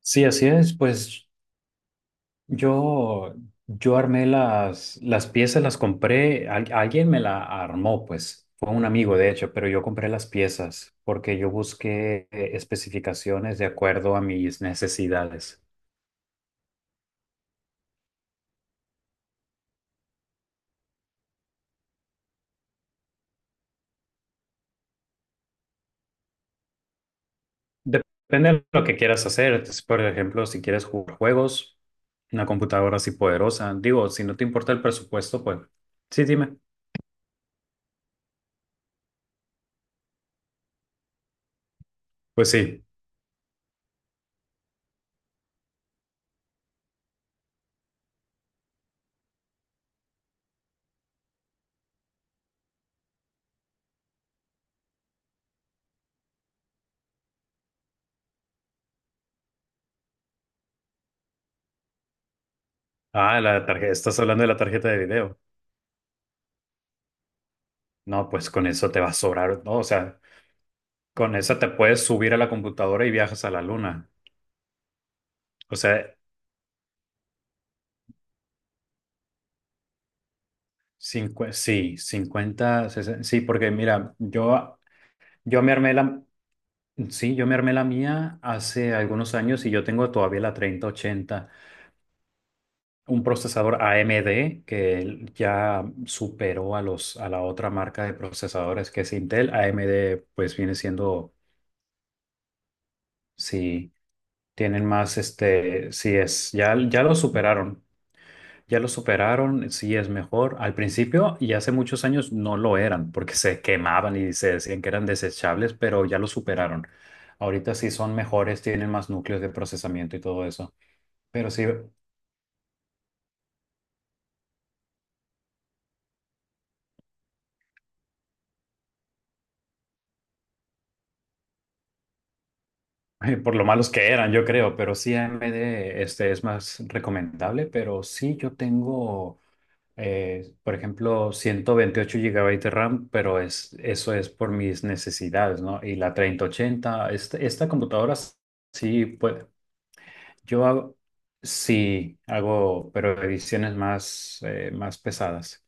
Sí, así es. Pues yo, yo armé las piezas, las compré. Alguien me la armó, pues. Fue un amigo, de hecho, pero yo compré las piezas porque yo busqué especificaciones de acuerdo a mis necesidades. Depende de lo que quieras hacer. Entonces, por ejemplo, si quieres jugar juegos, una computadora así poderosa. Digo, si no te importa el presupuesto, pues sí, dime. Pues sí. Ah, la tarjeta, estás hablando de la tarjeta de video. No, pues con eso te va a sobrar, ¿no? O sea. Con esa te puedes subir a la computadora y viajas a la luna. O sea, 50, 60 sí, porque mira, yo me armé la, sí, yo me armé la mía hace algunos años y yo tengo todavía la 3080, un procesador AMD que ya superó a la otra marca de procesadores que es Intel. AMD pues viene siendo, sí, tienen más, sí es, ya lo superaron. Ya lo superaron, sí es mejor. Al principio y hace muchos años no lo eran porque se quemaban y se decían que eran desechables, pero ya lo superaron. Ahorita sí son mejores, tienen más núcleos de procesamiento y todo eso. Pero sí, por lo malos que eran, yo creo, pero sí AMD es más recomendable, pero sí yo tengo, por ejemplo, 128 gigabytes de RAM, pero es, eso es por mis necesidades, ¿no? Y la 3080 esta computadora sí puede. Yo hago, sí, hago, pero ediciones más, más pesadas.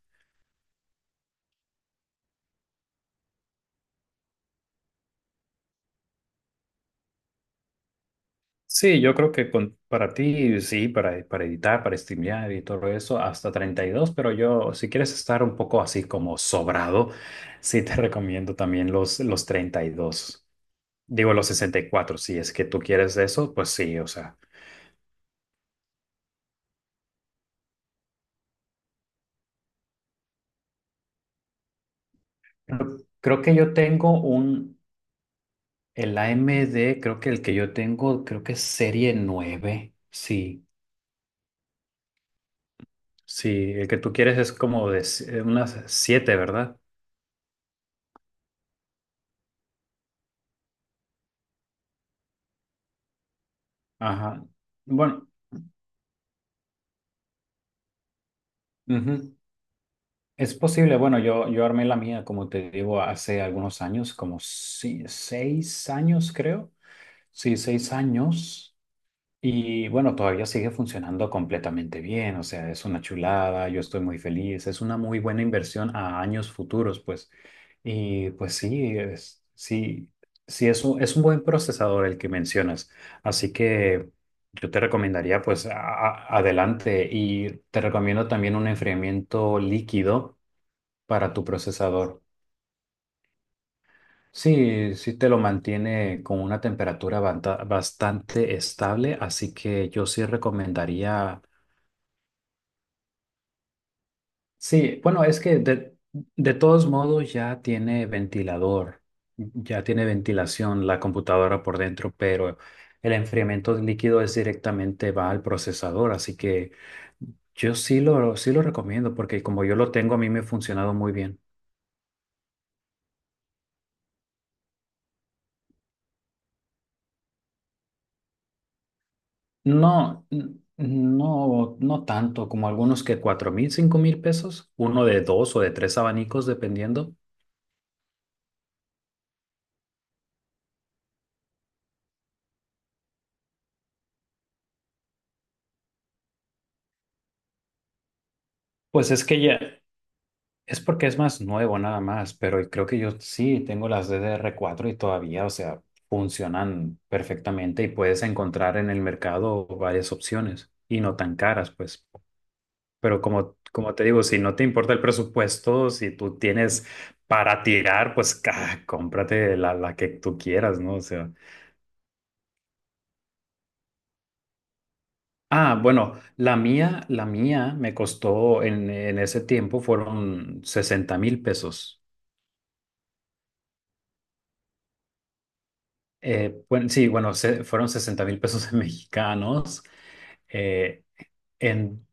Sí, yo creo que con, para ti, sí, para editar, para streamear y todo eso, hasta 32 pero yo, si quieres estar un poco así como sobrado, sí te recomiendo también los 32. Digo los 64 si es que tú quieres eso, pues sí, o sea. Creo que yo tengo un, el AMD creo que el que yo tengo, creo que es serie 9 sí. Sí, el que tú quieres es como de unas siete, ¿verdad? Ajá. Bueno, ujú. Es posible. Bueno, yo armé la mía, como te digo, hace algunos años, como 6 años, creo. Sí, 6 años. Y bueno, todavía sigue funcionando completamente bien, o sea, es una chulada, yo estoy muy feliz, es una muy buena inversión a años futuros, pues. Y pues sí, sí, sí es un buen procesador el que mencionas, así que yo te recomendaría pues adelante y te recomiendo también un enfriamiento líquido para tu procesador. Sí, sí te lo mantiene con una temperatura bastante estable, así que yo sí recomendaría. Sí, bueno, es que de todos modos ya tiene ventilador, ya tiene ventilación la computadora por dentro, pero el enfriamiento del líquido es directamente va al procesador, así que yo sí lo recomiendo porque como yo lo tengo a mí me ha funcionado muy bien. No, no tanto como algunos que 4,000, 5,000 pesos, uno de dos o de tres abanicos dependiendo. Pues es que ya. Es porque es más nuevo nada más, pero creo que yo sí tengo las DDR4 y todavía, o sea, funcionan perfectamente y puedes encontrar en el mercado varias opciones y no tan caras, pues. Pero como, como te digo, si no te importa el presupuesto, si tú tienes para tirar, pues cómprate la que tú quieras, ¿no? O sea. Ah, bueno, la mía me costó en ese tiempo fueron 60,000 pesos. Bueno, sí, bueno, fueron 60,000 pesos en mexicanos. eh, en,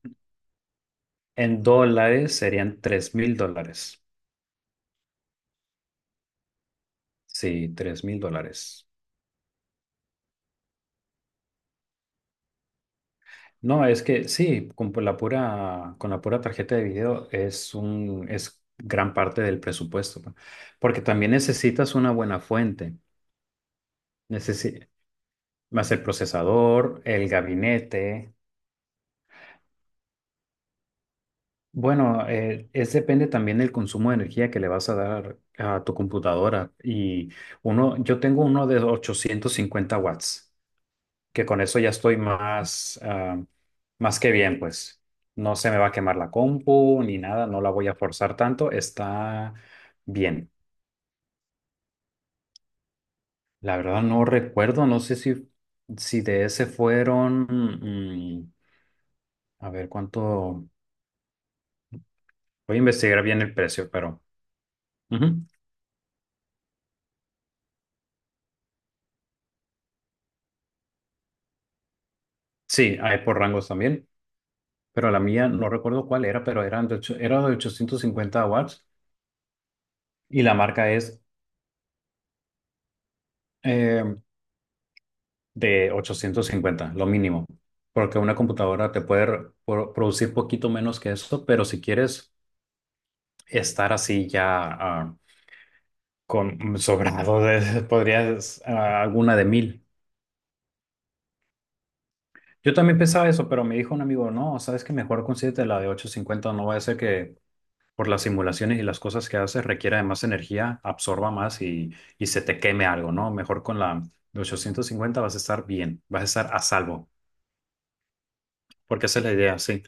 en dólares serían $3,000. Sí, $3,000. No, es que sí, con por la pura, con la pura tarjeta de video es un, es gran parte del presupuesto, ¿no? Porque también necesitas una buena fuente. Necesi- más el procesador, el gabinete. Bueno, es depende también del consumo de energía que le vas a dar a tu computadora. Y yo tengo uno de 850 watts, que con eso ya estoy más, más que bien, pues. No se me va a quemar la compu ni nada, no la voy a forzar tanto, está bien. La verdad no recuerdo, no sé si de ese fueron, mm, a ver cuánto, voy a investigar bien el precio, pero ujú. Sí, hay por rangos también. Pero la mía no recuerdo cuál era, pero eran era de 850 watts y la marca es eh, de 850 lo mínimo, porque una computadora te puede producir poquito menos que eso, pero si quieres estar así ya con sobrado, podrías alguna de mil. Yo también pensaba eso, pero me dijo un amigo, no, sabes que mejor consíguete la de 850 no va a ser que por las simulaciones y las cosas que haces, requiere de más energía, absorba más y se te queme algo, ¿no? Mejor con la de 850 vas a estar bien, vas a estar a salvo, porque esa es la idea, sí.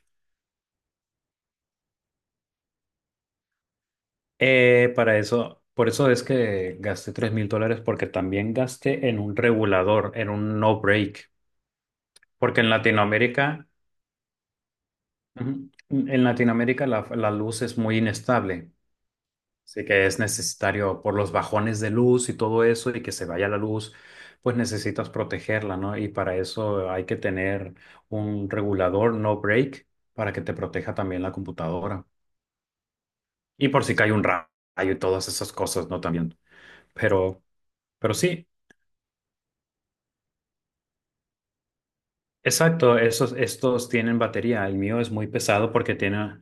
Para eso, por eso es que gasté $3,000, porque también gasté en un regulador, en un no break, porque en Latinoamérica, ujú, en Latinoamérica la luz es muy inestable. Así que es necesario por los bajones de luz y todo eso y que se vaya la luz, pues necesitas protegerla, ¿no? Y para eso hay que tener un regulador no break para que te proteja también la computadora. Y por si cae un rayo y todas esas cosas, ¿no? También. Pero, pero sí, exacto, estos tienen batería. El mío es muy pesado porque tiene…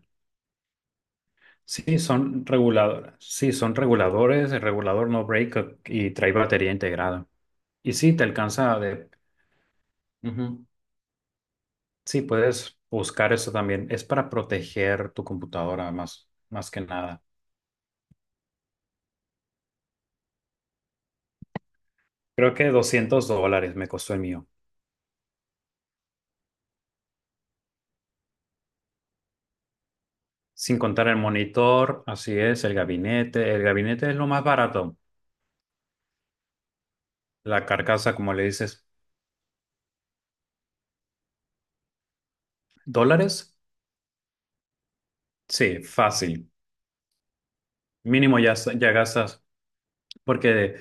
Sí, son reguladores. Sí, son reguladores, el regulador no break y trae batería integrada. Y sí, te alcanza de… Ujú. Sí, puedes buscar eso también. Es para proteger tu computadora más, más que nada. Creo que $200 me costó el mío. Sin contar el monitor, así es, el gabinete. El gabinete es lo más barato. La carcasa, como le dices, ¿dólares? Sí, fácil. Mínimo ya, ya gastas, porque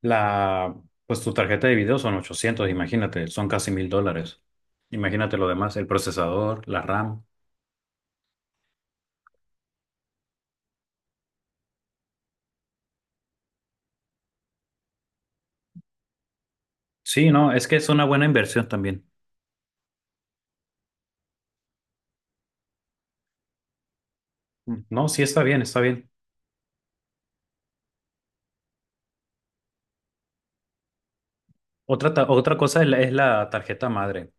la, pues tu tarjeta de video son 800. Imagínate, son casi mil dólares. Imagínate lo demás, el procesador, la RAM. Sí, no, es que es una buena inversión también. Mm, no, sí está bien, está bien. Otra, otra cosa es es la tarjeta madre.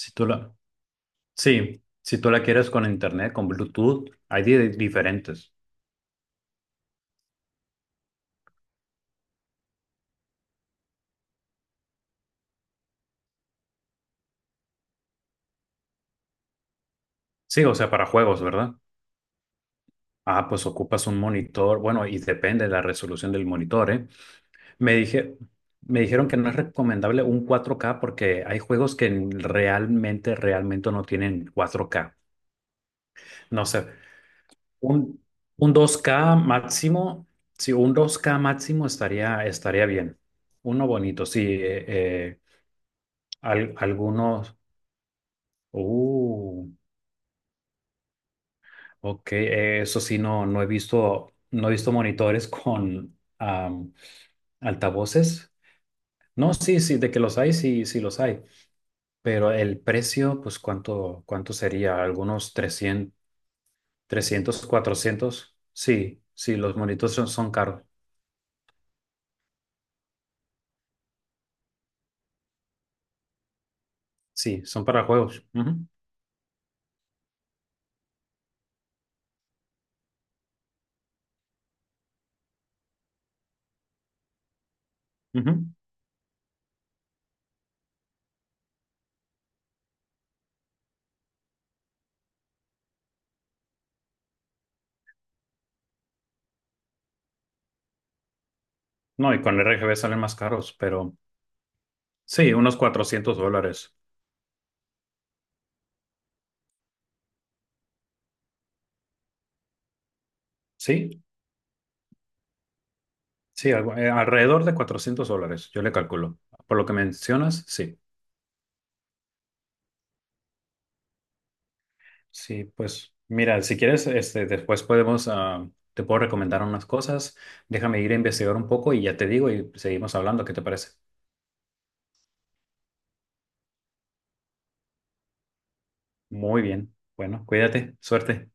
Si tú la, sí, si tú la quieres con internet, con Bluetooth, hay diferentes. Sí, o sea, para juegos, ¿verdad? Ah, pues ocupas un monitor, bueno, y depende de la resolución del monitor, ¿eh? Me dije, me dijeron que no es recomendable un 4K porque hay juegos que realmente no tienen 4K. No sé, Un, un 2K máximo, sí, un 2K máximo estaría, estaría bien. Uno bonito, sí. Al- algunos, uh, ok, eso sí, no he visto, no he visto monitores con altavoces. No, sí, sí, de que los hay, sí, sí los hay. Pero el precio, pues, ¿cuánto sería? Algunos trescientos, 300 cuatrocientos. Sí, sí, los monitores son, son caros. Sí, son para juegos. Ujú. No, y con RGB salen más caros, pero sí, unos $400. Sí, sí, alrededor de $400, yo le calculo. Por lo que mencionas, sí. Sí, pues mira, si quieres, este, después podemos, te puedo recomendar unas cosas. Déjame ir a investigar un poco y ya te digo y seguimos hablando, ¿qué te parece? Muy bien. Bueno, cuídate, suerte.